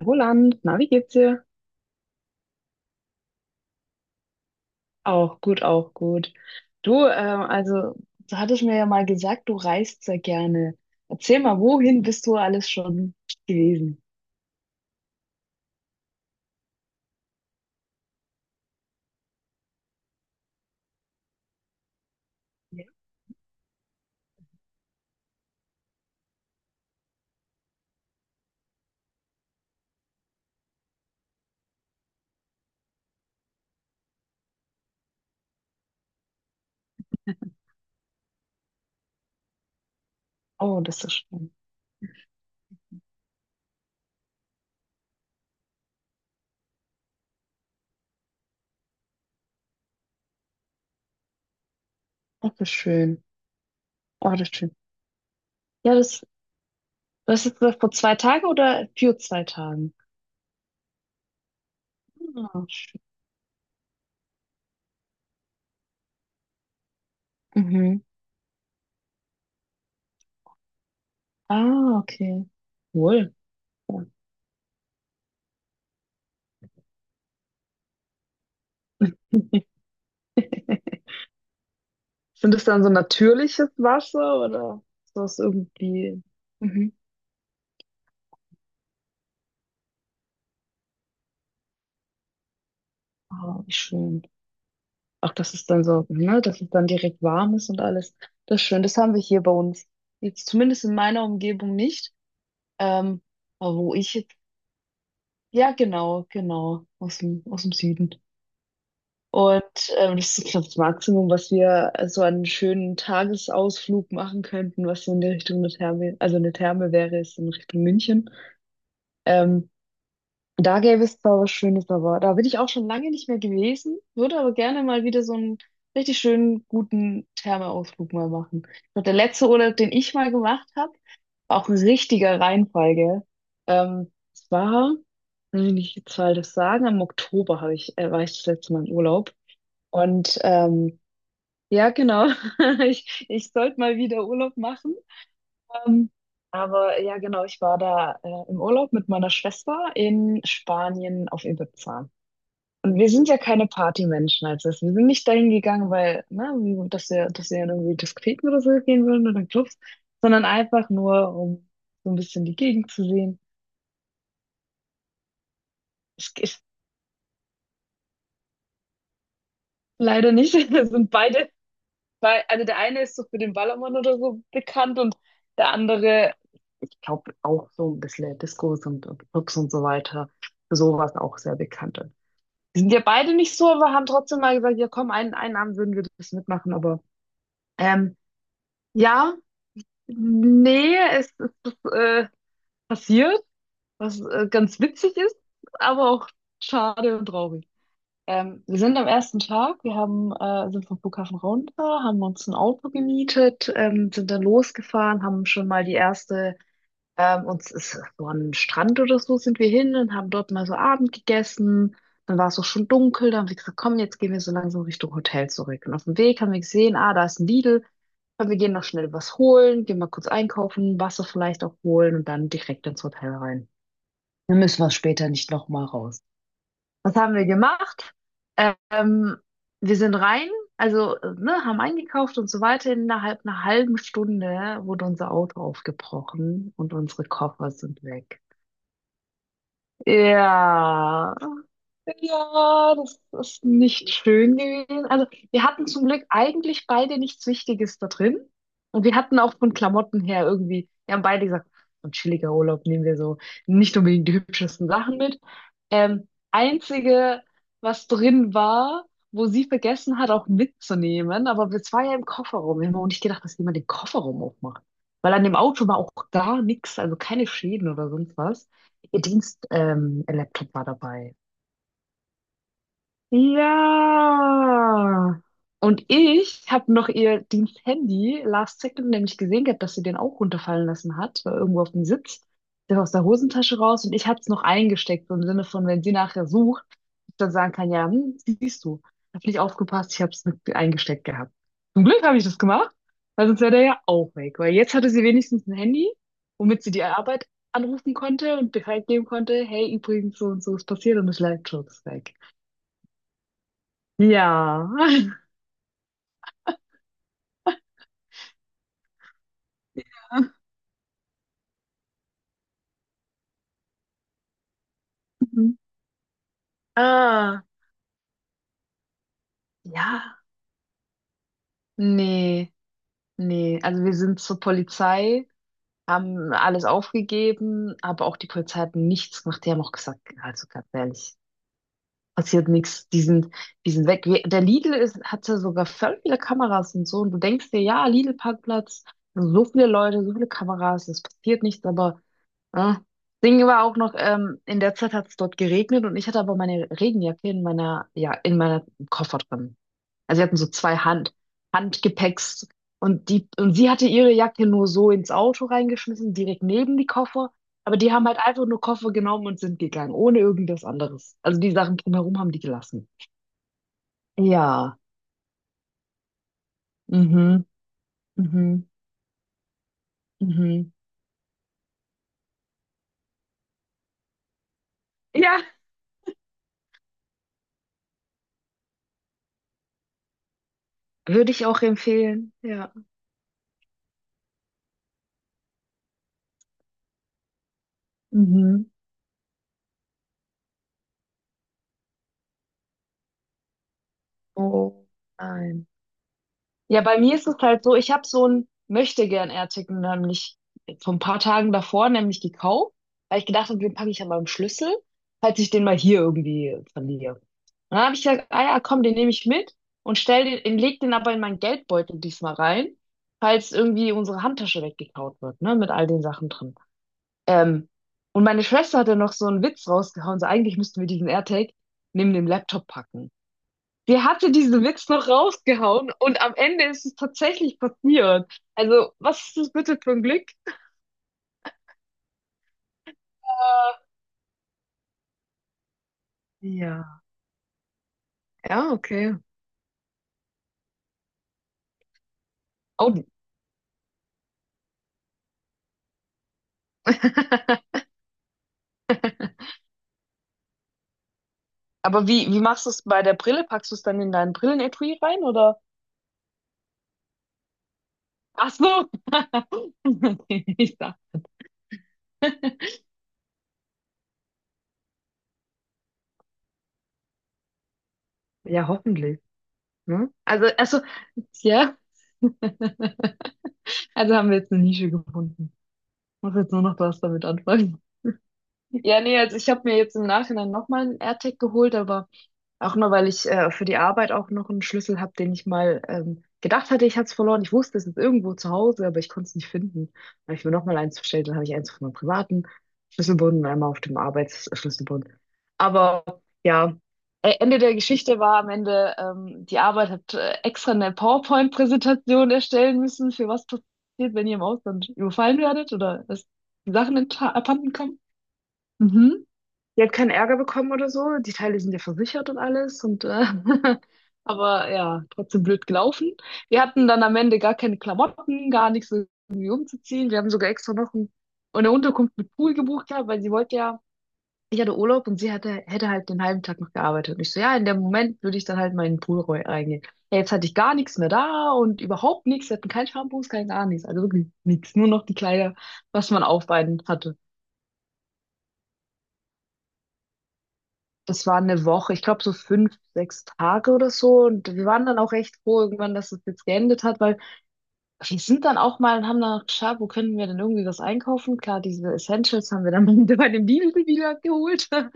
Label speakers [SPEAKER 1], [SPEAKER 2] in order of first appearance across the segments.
[SPEAKER 1] Roland, na, wie geht's dir? Auch gut, auch gut. Du, also, du hattest mir ja mal gesagt, du reist sehr gerne. Erzähl mal, wohin bist du alles schon gewesen? Oh, das ist schön. Das ist schön. Oh, das ist schön. Ja, das ist das vor 2 Tagen oder für 2 Tagen? Ah, schön. Mhm. Ah, okay. Wohl. Ja. Sind das dann so natürliches Wasser oder ist das irgendwie? Mhm. Ah, wie schön. Auch dass es dann so, ne, dass es dann direkt warm ist und alles. Das ist schön. Das haben wir hier bei uns. Jetzt zumindest in meiner Umgebung nicht. Ähm, aber wo ich jetzt, ja, genau, genau, aus dem Süden. Und das ist, glaube ich, das Maximum, was wir so einen schönen Tagesausflug machen könnten, was so in die Richtung der Therme, also eine Therme wäre, ist in Richtung München. Ähm, Da gäbe es zwar was Schönes, aber da bin ich auch schon lange nicht mehr gewesen, würde aber gerne mal wieder so einen richtig schönen, guten Thermeausflug mal machen. Ich glaub, der letzte Urlaub, den ich mal gemacht habe, war auch ein richtiger Reinfall, gell? Es war, wenn ich die Zahl das sagen, im Oktober war ich das letzte Mal im Urlaub. Und ja, genau, ich sollte mal wieder Urlaub machen. Ähm, aber ja, genau, ich war da im Urlaub mit meiner Schwester in Spanien auf Ibiza. Und wir sind ja keine Partymenschen als das. Wir sind nicht dahin gegangen, weil, ne, dass wir in irgendwie Diskotheken oder so gehen würden oder Clubs, sondern einfach nur, um so ein bisschen die Gegend zu sehen. Es ist leider nicht. Wir sind beide, also der eine ist so für den Ballermann oder so bekannt und der andere, ich glaube, auch so ein bisschen Discos und Clubs und so weiter, für sowas auch sehr bekannt. Wir sind ja beide nicht so, aber haben trotzdem mal gesagt, ja komm, einen, einen Abend würden wir das mitmachen, aber ähm, ja. Nee, es ist passiert, was ganz witzig ist, aber auch schade und traurig. Wir sind am ersten Tag, wir haben, sind vom Flughafen runter, haben uns ein Auto gemietet, sind dann losgefahren, haben schon mal die erste und es ist so an den Strand oder so sind wir hin und haben dort mal so Abend gegessen. Dann war es auch schon dunkel. Dann haben wir gesagt, komm, jetzt gehen wir so langsam Richtung Hotel zurück. Und auf dem Weg haben wir gesehen, ah, da ist ein Lidl. Komm, wir gehen noch schnell was holen, gehen mal kurz einkaufen, Wasser vielleicht auch holen und dann direkt ins Hotel rein. Dann müssen wir später nicht nochmal raus. Was haben wir gemacht? Ähm, wir sind rein, also ne, haben eingekauft und so weiter. Innerhalb einer halben Stunde wurde unser Auto aufgebrochen und unsere Koffer sind weg. Ja, ja, das ist nicht schön gewesen. Also, wir hatten zum Glück eigentlich beide nichts Wichtiges da drin. Und wir hatten auch von Klamotten her irgendwie, wir haben beide gesagt, so ein chilliger Urlaub nehmen wir so nicht unbedingt die hübschesten Sachen mit. Einzige, was drin war, wo sie vergessen hat, auch mitzunehmen, aber es war ja im Kofferraum. Wir haben auch nicht gedacht, dass jemand den Kofferraum aufmacht. Weil an dem Auto war auch gar nichts, also keine Schäden oder sonst was. Ihr Dienst, Laptop war dabei. Ja. Und ich habe noch ihr Diensthandy last second nämlich gesehen gehabt, dass sie den auch runterfallen lassen hat, war irgendwo auf dem Sitz. Der war aus der Hosentasche raus und ich habe es noch eingesteckt, so im Sinne von, wenn sie nachher sucht, ich dann sagen kann, ja, hm, siehst du, hab nicht aufgepasst, ich habe es mit eingesteckt gehabt. Zum Glück habe ich das gemacht, weil sonst wäre der ja auch weg, weil jetzt hatte sie wenigstens ein Handy, womit sie die Arbeit anrufen konnte und Bescheid geben konnte, hey, übrigens, so und so ist passiert und das Leitschutz ist weg. Ja. Mhm. Ah, ja. Nee, nee. Also wir sind zur Polizei, haben alles aufgegeben, aber auch die Polizei hat nichts gemacht. Die haben auch gesagt, also ganz ehrlich, passiert nichts. Die sind weg. Wir, der Lidl ist, hat ja sogar voll viele Kameras und so. Und du denkst dir, ja, Lidl-Parkplatz, so viele Leute, so viele Kameras, es passiert nichts, aber ah, Ding war auch noch, in der Zeit hat es dort geregnet und ich hatte aber meine Regenjacke in meiner, ja, in meiner Koffer drin. Also wir hatten so zwei Handgepäcks und die, und sie hatte ihre Jacke nur so ins Auto reingeschmissen, direkt neben die Koffer. Aber die haben halt einfach nur Koffer genommen und sind gegangen, ohne irgendwas anderes. Also die Sachen drumherum haben die gelassen. Ja. Mhm. Mhm. Mhm. Ja. Würde ich auch empfehlen. Ja. Mhm. Oh nein. Ja, bei mir ist es halt so, ich habe so ein Möchtegern-Artikel nämlich vor ein paar Tagen davor nämlich gekauft, weil ich gedacht habe, den packe ich an meinem Schlüssel, falls ich den mal hier irgendwie verliere. Und dann habe ich gesagt, ah ja, komm, den nehme ich mit und stell den, leg den aber in meinen Geldbeutel diesmal rein, falls irgendwie unsere Handtasche weggekaut wird, ne, mit all den Sachen drin. Ähm, und meine Schwester hat dann noch so einen Witz rausgehauen, so eigentlich müssten wir diesen AirTag neben dem Laptop packen. Die hatte diesen Witz noch rausgehauen und am Ende ist es tatsächlich passiert. Also, was ist das bitte für ein Glück? Ja. Ja, okay. Oh. Aber wie machst du es bei der Brille? Packst du es dann in deinen Brillenetui rein oder? Ach so. Ich sag ja, hoffentlich. Ne? Also, ja. Also haben wir jetzt eine Nische gefunden. Muss jetzt nur noch was damit anfangen. Ja, nee, also ich habe mir jetzt im Nachhinein nochmal einen AirTag geholt, aber auch nur, weil ich für die Arbeit auch noch einen Schlüssel habe, den ich mal gedacht hatte, ich hatte es verloren. Ich wusste, es ist irgendwo zu Hause, aber ich konnte es nicht finden. Dann habe ich mir nochmal eins bestellt, dann habe ich eins von meinem privaten Schlüsselbund und einmal auf dem Arbeitsschlüsselbund. Aber ja, Ende der Geschichte war am Ende, die Arbeit hat extra eine PowerPoint-Präsentation erstellen müssen, für was passiert, wenn ihr im Ausland überfallen werdet oder dass die Sachen abhanden kommen. Mhm. Die hat keinen Ärger bekommen oder so. Die Teile sind ja versichert und alles. Und, aber ja, trotzdem blöd gelaufen. Wir hatten dann am Ende gar keine Klamotten, gar nichts irgendwie umzuziehen. Wir haben sogar extra noch eine Unterkunft mit Pool gebucht gehabt, weil sie wollte ja, ich hatte Urlaub und sie hatte, hätte halt den halben Tag noch gearbeitet. Und ich so, ja, in dem Moment würde ich dann halt mal in den Pool reingehen. Ja, jetzt hatte ich gar nichts mehr da und überhaupt nichts. Wir hatten kein Shampoos, kein gar nichts. Also wirklich nichts. Nur noch die Kleider, was man auf beiden hatte. Das war eine Woche, ich glaube so 5, 6 Tage oder so. Und wir waren dann auch recht froh irgendwann, dass es jetzt geendet hat, weil wir sind dann auch mal und haben dann auch geschaut, wo können wir denn irgendwie was einkaufen. Klar, diese Essentials haben wir dann bei dem Lidl wieder geholt.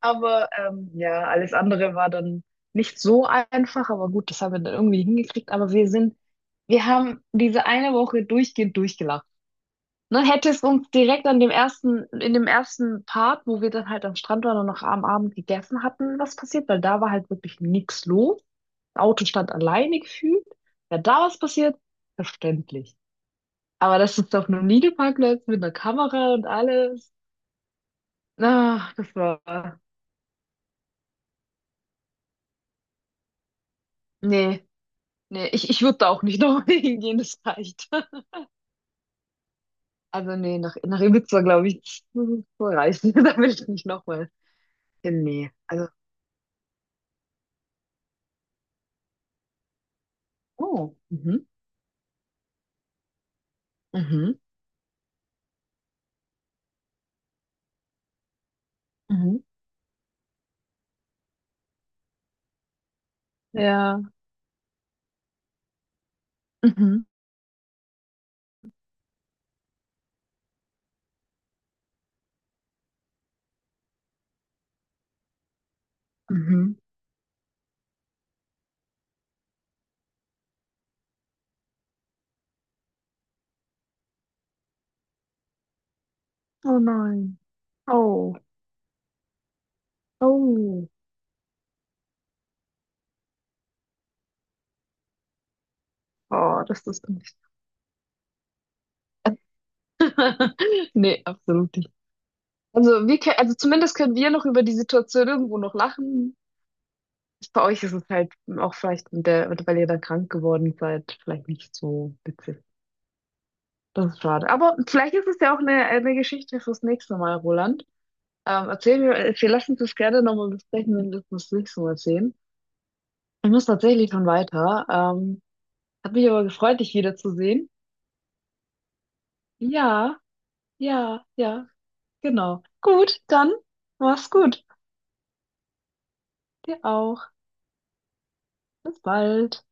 [SPEAKER 1] Aber ja, alles andere war dann nicht so einfach. Aber gut, das haben wir dann irgendwie hingekriegt. Aber wir sind, wir haben diese eine Woche durchgehend durchgelacht. Ne, hätte es uns direkt an dem ersten, in dem ersten Part, wo wir dann halt am Strand waren und noch am Abend gegessen hatten, was passiert, weil da war halt wirklich nichts los. Das Auto stand alleine gefühlt. Wäre da was passiert, verständlich. Aber das ist auf einem Liegeparkplatz mit einer Kamera und alles. Ach, das war. Nee, nee, ich würde da auch nicht nochmal hingehen, das reicht. Also nee, nach, nach Ibiza, glaube ich, das reicht. Da will ich nicht nochmal hin. Nee. Also. Oh. Mhm. Mhm. Mhm. Ja. Mhm. Mhm. Oh nein. Oh. Oh. Oh, das ist nicht. Nee, absolut nicht. Also wir können, also zumindest können wir noch über die Situation irgendwo noch lachen. Bei euch ist es halt auch vielleicht mit der, weil ihr dann krank geworden seid, vielleicht nicht so witzig. Das ist schade. Aber vielleicht ist es ja auch eine Geschichte fürs nächste Mal, Roland. Erzähl mir, wir lassen uns das gerne nochmal besprechen, wenn wir das nächste Mal sehen. Ich muss tatsächlich schon weiter. Hat mich aber gefreut, dich wiederzusehen. Ja, ja, ja, genau. Gut, dann mach's gut. Dir auch. Bis bald.